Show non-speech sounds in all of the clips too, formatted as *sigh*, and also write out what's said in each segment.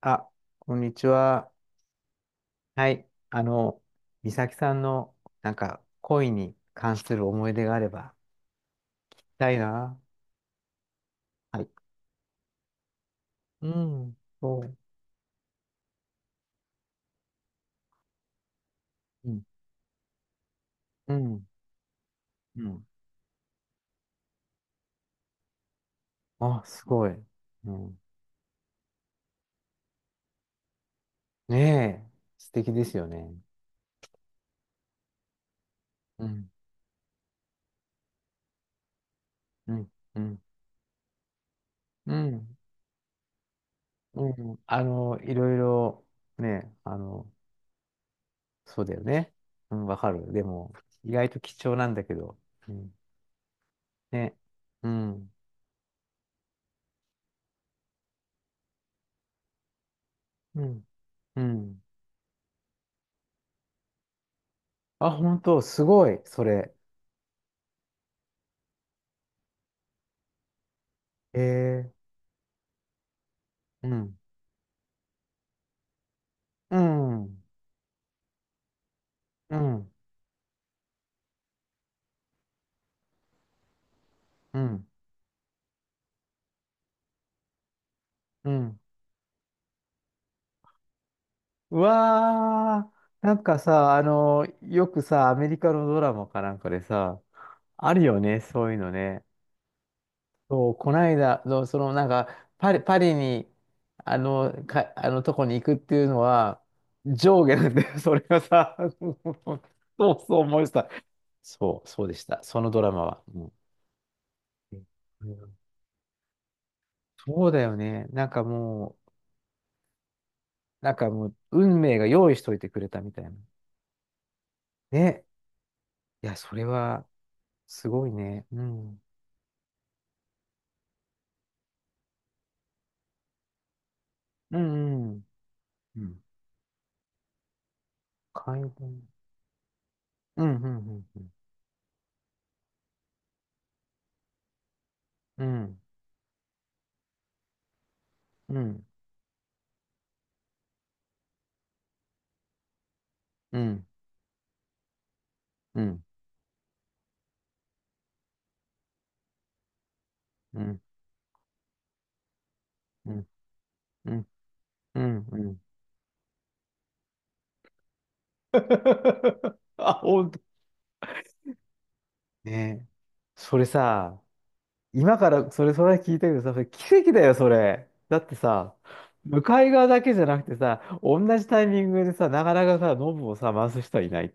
あ、こんにちは。はい。あの、美咲さんの、なんか、恋に関する思い出があれば、聞きたいな。はい。うん、そう。うん、うん、うん。あ、すごい。うん。ねえ、素敵ですよね。うん、うん、うん、うん、うん。あの、いろいろ、ね、あの、そうだよね。うん、わかる。でも、意外と貴重なんだけど。うん、ね。うん、うん、うん。あ、本当、すごい、それ。ええうん、うん、うん、うん、うん。うわー、なんかさ、あの、よくさ、アメリカのドラマかなんかでさ、あるよね、そういうのね。そう、こないだ、のその、なんか、パリに、あの、か、あのとこに行くっていうのは、上下なんだよ、*laughs* それがさ、*laughs* そうそう思いました。そう、そうでした、そのドラマは。うんうんそうだよね。なんかもう、運命が用意しといてくれたみたいな。ね。いや、それは、すごいね。うん。うん、うん。うん。解放。うん、うん、うん、うん。うん、うん、うん、うん、うん、うん、うん。*laughs* あ、ほんと。ね。それさ、今からそれ、それ聞いたけどさ、それ奇跡だよ、それ。だってさ、向かい側だけじゃなくてさ、同じタイミングでさ、なかなかさ、ノブをさ、回す人はいない。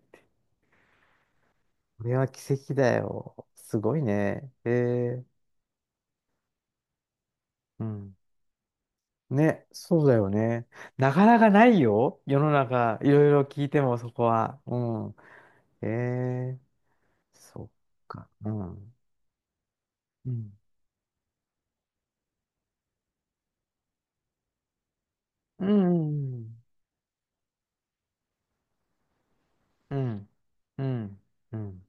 これは奇跡だよ。すごいね。ええうん。ね、そうだよね。なかなかないよ。世の中、いろいろ聞いてもそこは。うん。ええそっか。うん。うん。うん。うん。うん。うん。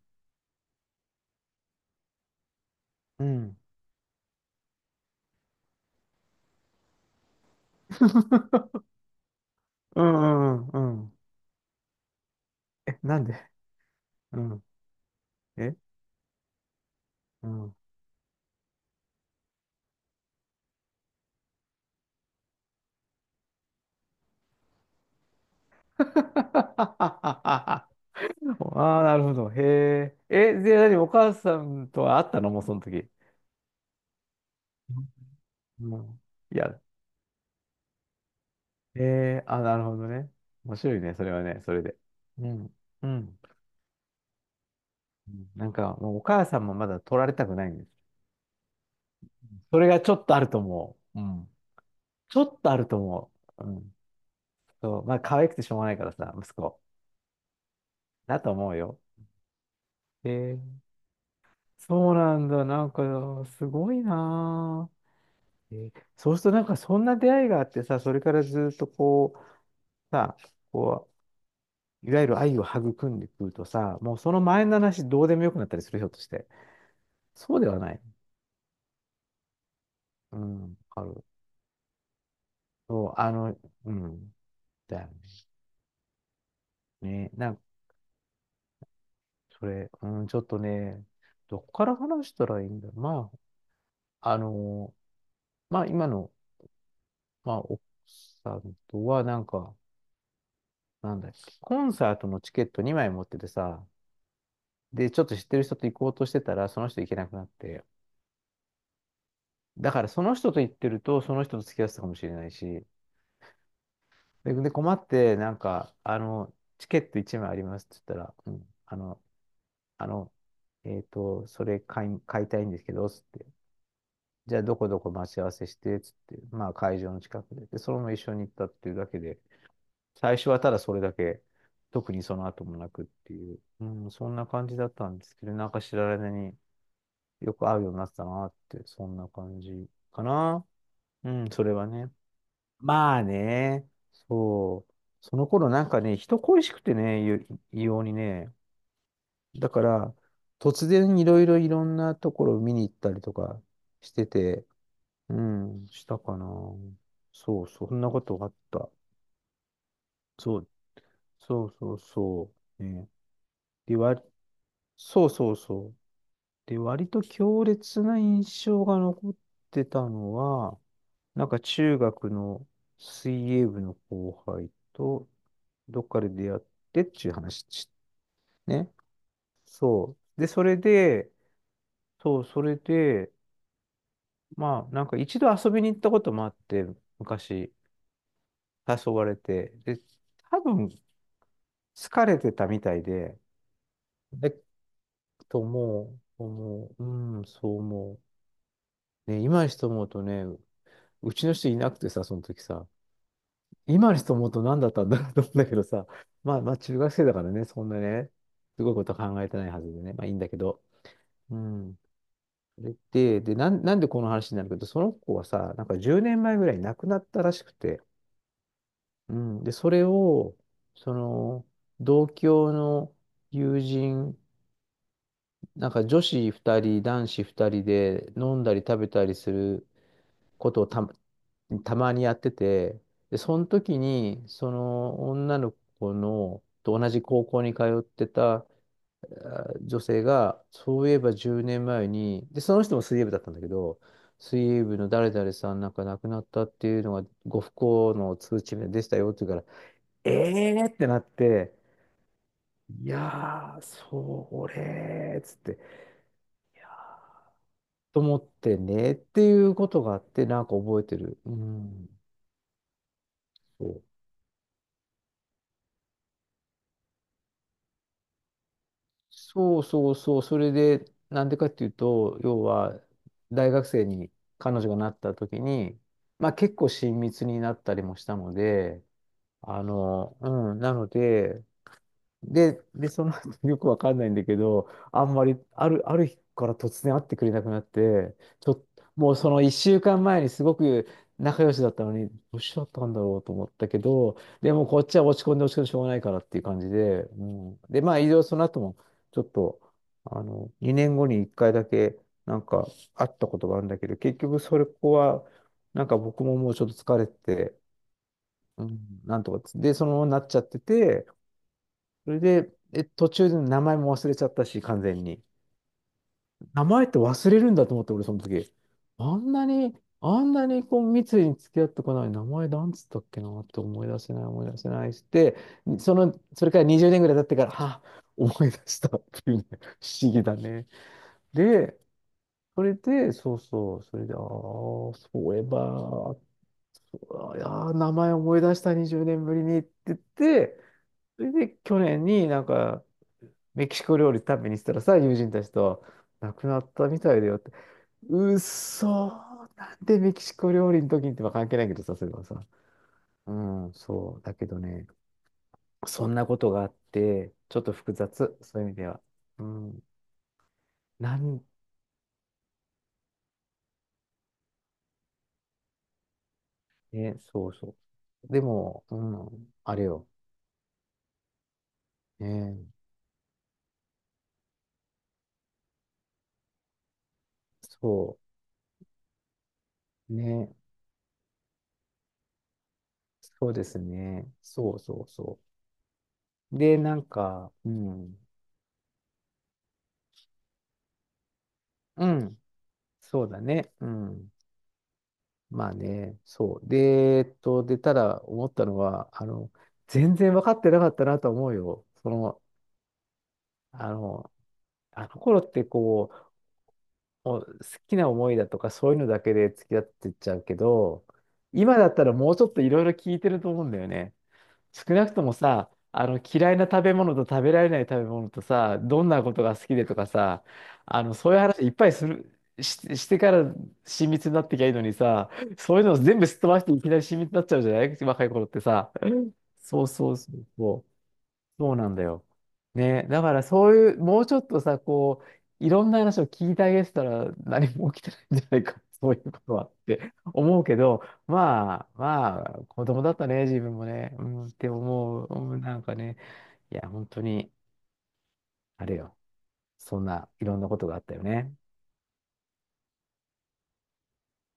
うん。*laughs* うん。うん。うん *laughs* え、なんでうん。えうん。*laughs* ああ、なるほど。へえ。え、で、何お母さんとは会ったのもうその時。うん。いや、えー、あ、なるほどね。面白いね、それはね、それで。うん。うん。うんなんか、もうお母さんもまだ取られたくないんです。それがちょっとあると思う。うん。ちょっとあると思う。うん。そう。まあ、可愛くてしょうがないからさ、息子。だと思うよ。えー、そうなんだ。なんか、すごいなぁ。えーそうすると、なんか、そんな出会いがあってさ、それからずっとこう、さ、こう、いわゆる愛を育んでくるとさ、もうその前の話どうでもよくなったりする、ひょっとして。そうではない。うん、わかる。そう、あの、うん、だよね。なんか、それ、うん、ちょっとね、どこから話したらいいんだろう。まあ、あの、まあ、今の、まあ、奥さんとは、なんか、なんだっけ、コンサートのチケット2枚持っててさ、で、ちょっと知ってる人と行こうとしてたら、その人行けなくなって、だから、その人と行ってると、その人と付き合ってたかもしれないし、で困って、なんか、あの、チケット1枚ありますって言ったら、うん、あの、あの、それ買いたいんですけど、つって。じゃあ、どこどこ待ち合わせして、つって。まあ、会場の近くで。で、そのまま一緒に行ったっていうだけで、最初はただそれだけ、特にその後もなくっていう、うん、そんな感じだったんですけど、なんか知られ間によく会うようになってたなって、そんな感じかな。うん、それはね。まあね、そう。その頃なんかね、人恋しくてね、異様にね、だから、突然いろいろいろんなところを見に行ったりとかしてて、うん、したかな。そうそう、そんなことがあった。そう、そうそうそう。ね。で、割、そうそうそう。で、割と強烈な印象が残ってたのは、なんか中学の水泳部の後輩と、どっかで出会ってっていう話ね。そう。で、それで、そう、それで、まあ、なんか一度遊びに行ったこともあって、昔誘われて、で、多分疲れてたみたいで、で、と思う、思う、うん、そう思う。ね、今にして思うとね、うちの人いなくてさ、その時さ、今にして思うと何だったんだろうと思うんだけどさ、まあまあ中学生だからね、そんなね、すごいこと考えてないはずでね、まあいいんだけど、うん。それで、なんでこの話になるけど、その子はさ、なんか10年前ぐらい亡くなったらしくて、うん、で、それを、その、同郷の友人、なんか女子2人、男子2人で飲んだり食べたりすることをたまにやってて、で、その時に、その女の子の、と同じ高校に通ってた女性が、そういえば10年前に、で、その人も水泳部だったんだけど、水泳部の誰々さんなんか亡くなったっていうのが、ご不幸の通知でしたよっていうから、ええーってなって、いやー、それーっつって、いやーと思ってねっていうことがあって、なんか覚えてる。うん。そうそうそうそう、それで、なんでかっていうと、要は、大学生に彼女がなった時に、まあ結構親密になったりもしたので、あの、うん、なので、で、その後 *laughs* よくわかんないんだけど、あんまり、ある日から突然会ってくれなくなって、ちょっ、もうその1週間前にすごく仲良しだったのに、どうしちゃったんだろうと思ったけど、でもこっちは落ち込んで落ち込んでしょうがないからっていう感じで、うん。で、まあ、いろいろその後も、ちょっと、あの、2年後に1回だけ、なんか、会ったことがあるんだけど、結局それここは、なんか僕ももうちょっと疲れてて、うん、なんとかつ、で、そのままなっちゃってて、それで、え、途中で名前も忘れちゃったし、完全に。名前って忘れるんだと思って、俺その時。あんなに、あんなにこう密に付き合ってこない名前なんつったっけなって思い出せない、思い出せないして、その、それから20年ぐらい経ってから、あ、思い出したっていうね、*laughs* 不思議だね。で、それで、そうそう、それで、ああ、そういえば、あいやー、名前思い出した20年ぶりにって言って、それで去年になんか、メキシコ料理食べに行ったらさ、友人たちと、亡くなったみたいだよって。うっそー、なんでメキシコ料理の時にってまあ関係ないけどさ、それはさ。うん、そう。だけどね、そんなことがあって、ちょっと複雑、そういう意味では。うん、なん、ね、そうそう。でも、うん、あれよ。ね、そう、ね、そうですね。そうそうそう。で、なんか、うん、うん、そうだね。うん。まあね、そう。で、で、ただ思ったのは、あの、全然分かってなかったなと思うよ。その、あの、あの頃ってこう、もう好きな思いだとかそういうのだけで付き合ってっちゃうけど、今だったらもうちょっといろいろ聞いてると思うんだよね。少なくともさ、あの嫌いな食べ物と食べられない食べ物とさ、どんなことが好きでとかさ、あのそういう話いっぱいする、してから親密になってきゃいいのにさ、そういうのを全部すっ飛ばしていきなり親密になっちゃうじゃない若い頃ってさ。そうそうそうそう。そうなんだよ。ね、だからそういう、もうちょっとさ、こう、いろんな話を聞いてあげてたら何も起きてないんじゃないか、*laughs* そういうことはって *laughs* 思うけど、まあ、まあ、子供だったね、自分もね、うん、って思う、うん、なんかね、いや、本当に、あれよ、そんないろんなことがあったよね。